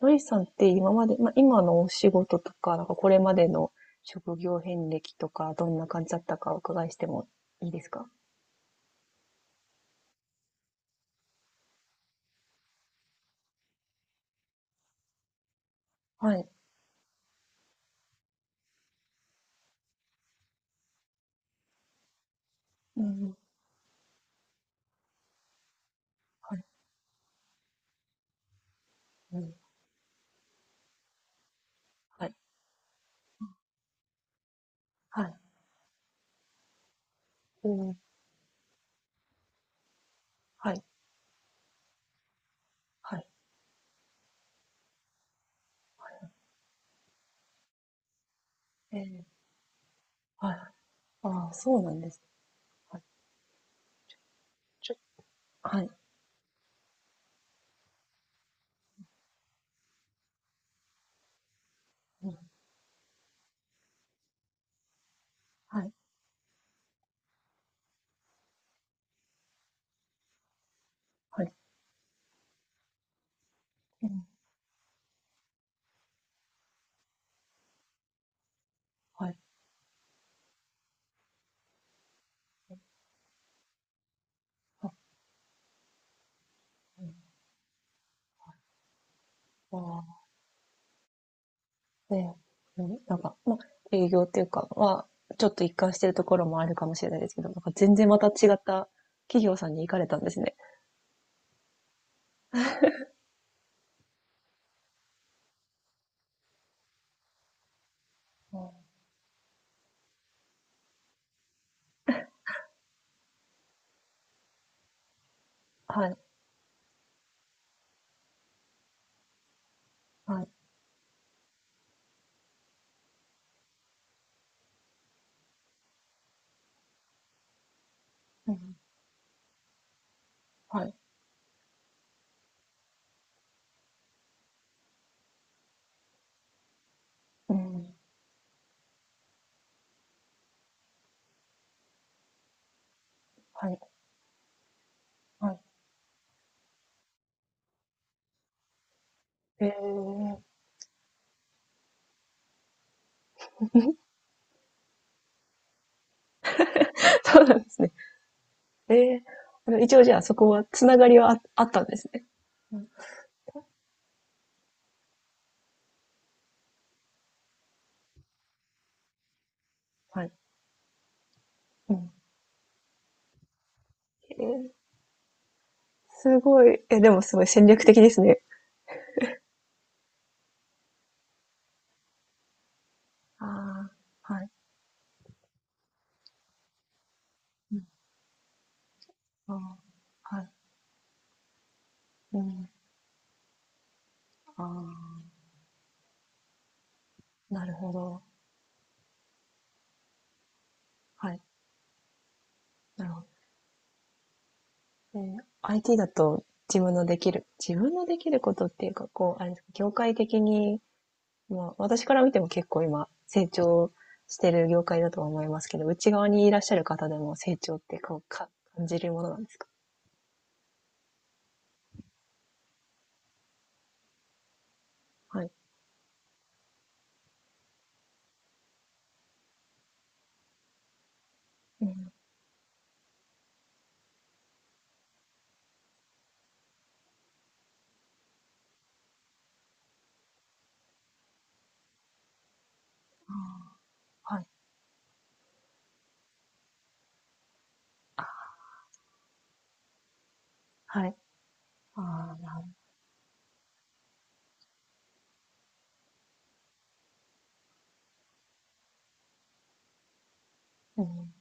ロイさんって今まで、まあ、今のお仕事とか、なんかこれまでの職業遍歴とか、どんな感じだったかお伺いしてもいいですか？はい。うん、はい、うん、はい、はい、うん、はい、はい、えーはい、ああ、そうなんです。はい、ちょ、はい、うん、はい、はい、うん、はい、あ、うん、ああ、えーうん、なんか、まあ、営業っていうかは、ちょっと一貫してるところもあるかもしれないですけど、なんか全然また違った企業さんに行かれたんですね。うんはい。はい。うん。はい。うん。はい。はい。ええ、そうなんですね。ええ、あの、一応じゃあそこはつながりはああったんですね。うん。はい。うん。ええ、すごい。え、でもすごい戦略的ですね。ああ、はい。うん。ああ、はい。うん。ああ、なるほど。はい。なるほど。え、 IT だと自分のできることっていうか、こう、あれですか、業界的に、まあ、私から見ても結構今、成長してる業界だとは思いますけど、内側にいらっしゃる方でも成長ってこうか感じるものなんですか？はい。うん。はい。はい。ああ、なるほど。うん。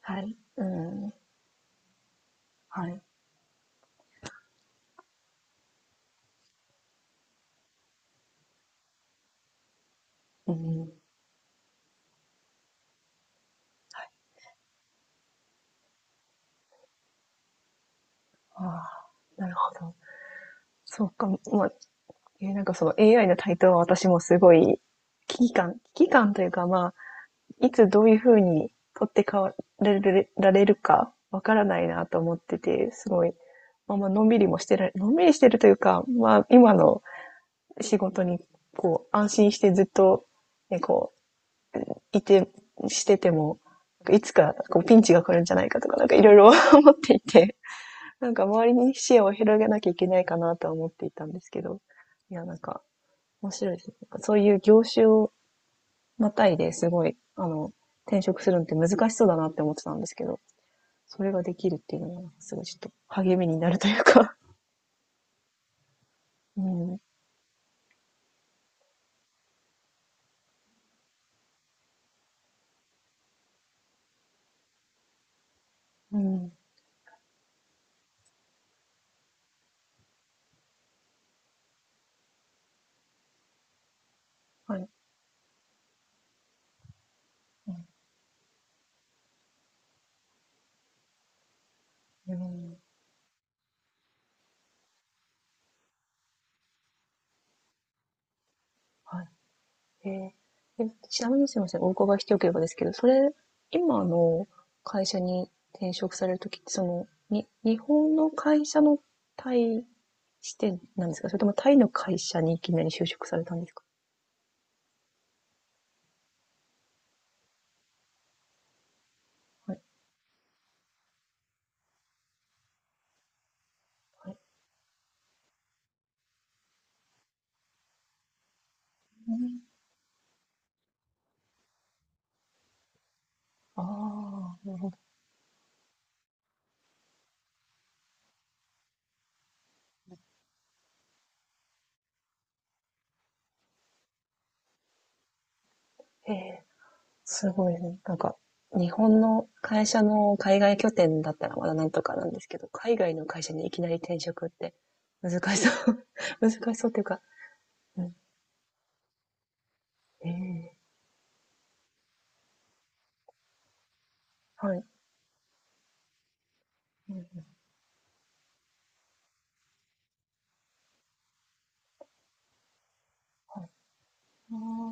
はい。うん。はい。うん。ほど。ああ、なるほど。そうか、まあ、なんかその AI の台頭は私もすごい危機感というか、まあ、いつどういう風に取って代わられられるかわからないなと思ってて、すごい、まあまあ、のんびりしてるというか、まあ今の仕事にこう安心してずっと、ね、こう、いて、してても、いつかこうピンチが来るんじゃないかとか、なんかいろいろ 思っていて、なんか周りに視野を広げなきゃいけないかなとは思っていたんですけど、いや、なんか面白いですね。そういう業種をまたいですごい、あの、転職するのって難しそうだなって思ってたんですけど、それができるっていうのが、すごいちょっと励みになるというか、うん、うん、はい、うん、うんはいうんはいえーちなみにすいません、お伺いしておければですけど、それ、今の会社に転職されるときって、その、日本の会社のタイ視点なんですか？それともタイの会社にいきなり就職されたんですか？はい、はい。ああー、へえ。すごいね。なんか、日本の会社の海外拠点だったらまだなんとかなんですけど、海外の会社にいきなり転職って難しそう。難しそうっていうか、うん。ええ、はい。うん、あ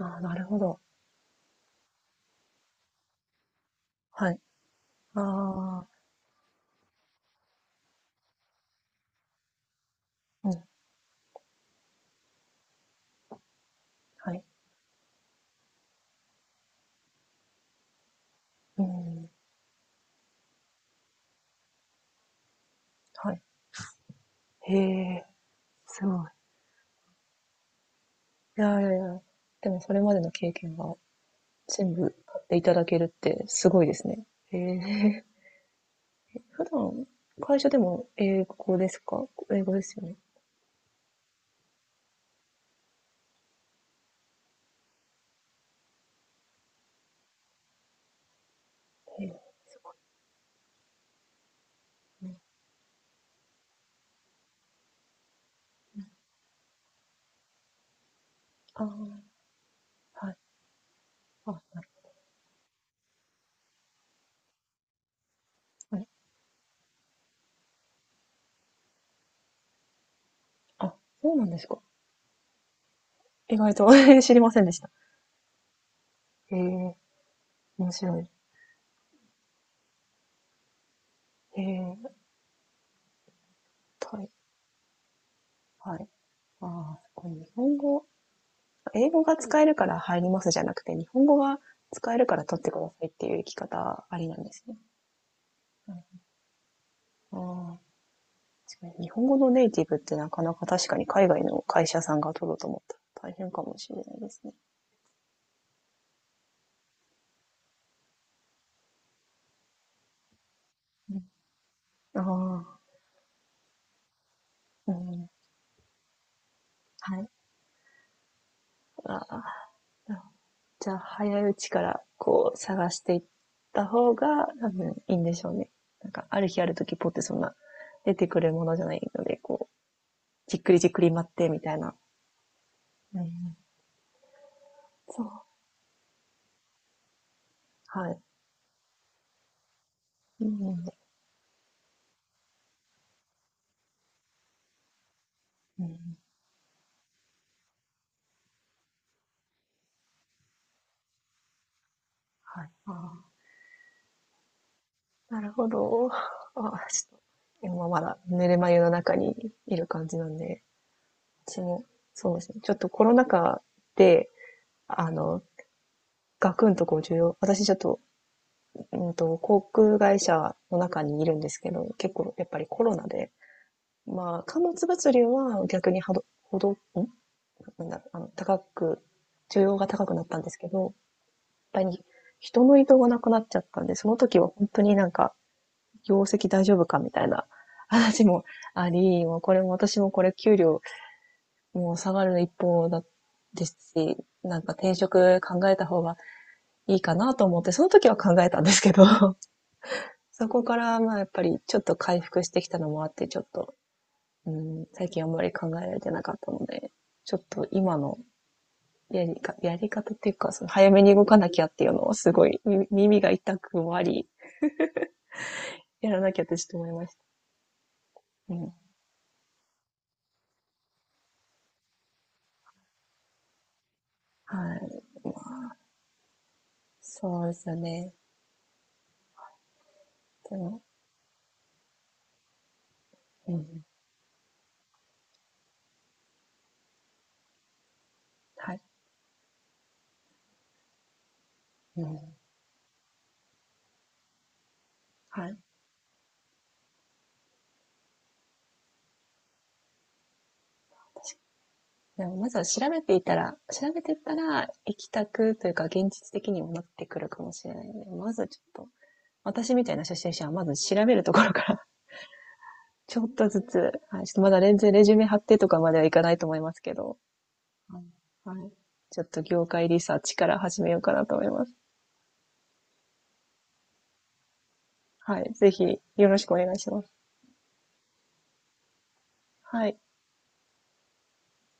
あ。ああ、なるほど。はい。ああ、うん、はい。うん、はい。へえ、すごい。いやいやいや。でもそれまでの経験が全部買っていただけるってすごいですね。へえ。普段、会社でも英語ですか？英語ですよね。ええ、すごいね。ああ、はい。あ、あれあ、そうなんですか。意外と 知りませんでした。へえ、面白い。へえ、はいはい。ああ、すごい。日本語、英語が使えるから入りますじゃなくて、日本語が使えるから取ってくださいっていう生き方ありなんですね。うん、ああ、確かに。日本語のネイティブってなかなか確かに海外の会社さんが取ろうと思ったら大変かもしれないですね。うん、ああ、うん、はい。ああ、じゃあ、早いうちからこう探していった方が多分いいんでしょうね。なんか、ある日ある時ポってそんな出てくるものじゃないので、こう、じっくりじっくり待ってみたいな。うん、そう。はい。うん。うん、はい。あー、なるほど。あ、ちょっと、今まだ寝る眉の中にいる感じなんで、私も、そうですね。ちょっとコロナ禍で、あの、ガクンとこう重要、私ちょっと航空会社の中にいるんですけど、結構やっぱりコロナで、まあ、貨物物流は逆にはど、ほど、んなんだろう、あの、高く、需要が高くなったんですけど、やっぱり人の移動がなくなっちゃったんで、その時は本当になんか、業績大丈夫かみたいな 話もあり、もうこれも私もこれ給料もう下がる一方だですし、なんか転職考えた方がいいかなと思って、その時は考えたんですけど、そこからまあやっぱりちょっと回復してきたのもあって、ちょっと、うん、最近あんまり考えられてなかったので、ちょっと今のやり方っていうか、その早めに動かなきゃっていうのはすごい耳が痛くもあり、やらなきゃってちょっと思いました。うん。はい。そうですよね。でも、うん。はい。うん。はい。確か、でもまずは調べていったら、行きたくというか現実的にもなってくるかもしれないので、まずちょっと、私みたいな初心者はまず調べるところからちょっとずつ、はい、ちょっとまだレジュメ貼ってとかまではいかないと思いますけど、はい。ちょっと業界リサーチから始めようかなと思います。はい。ぜひ、よろしくお願いします。はい。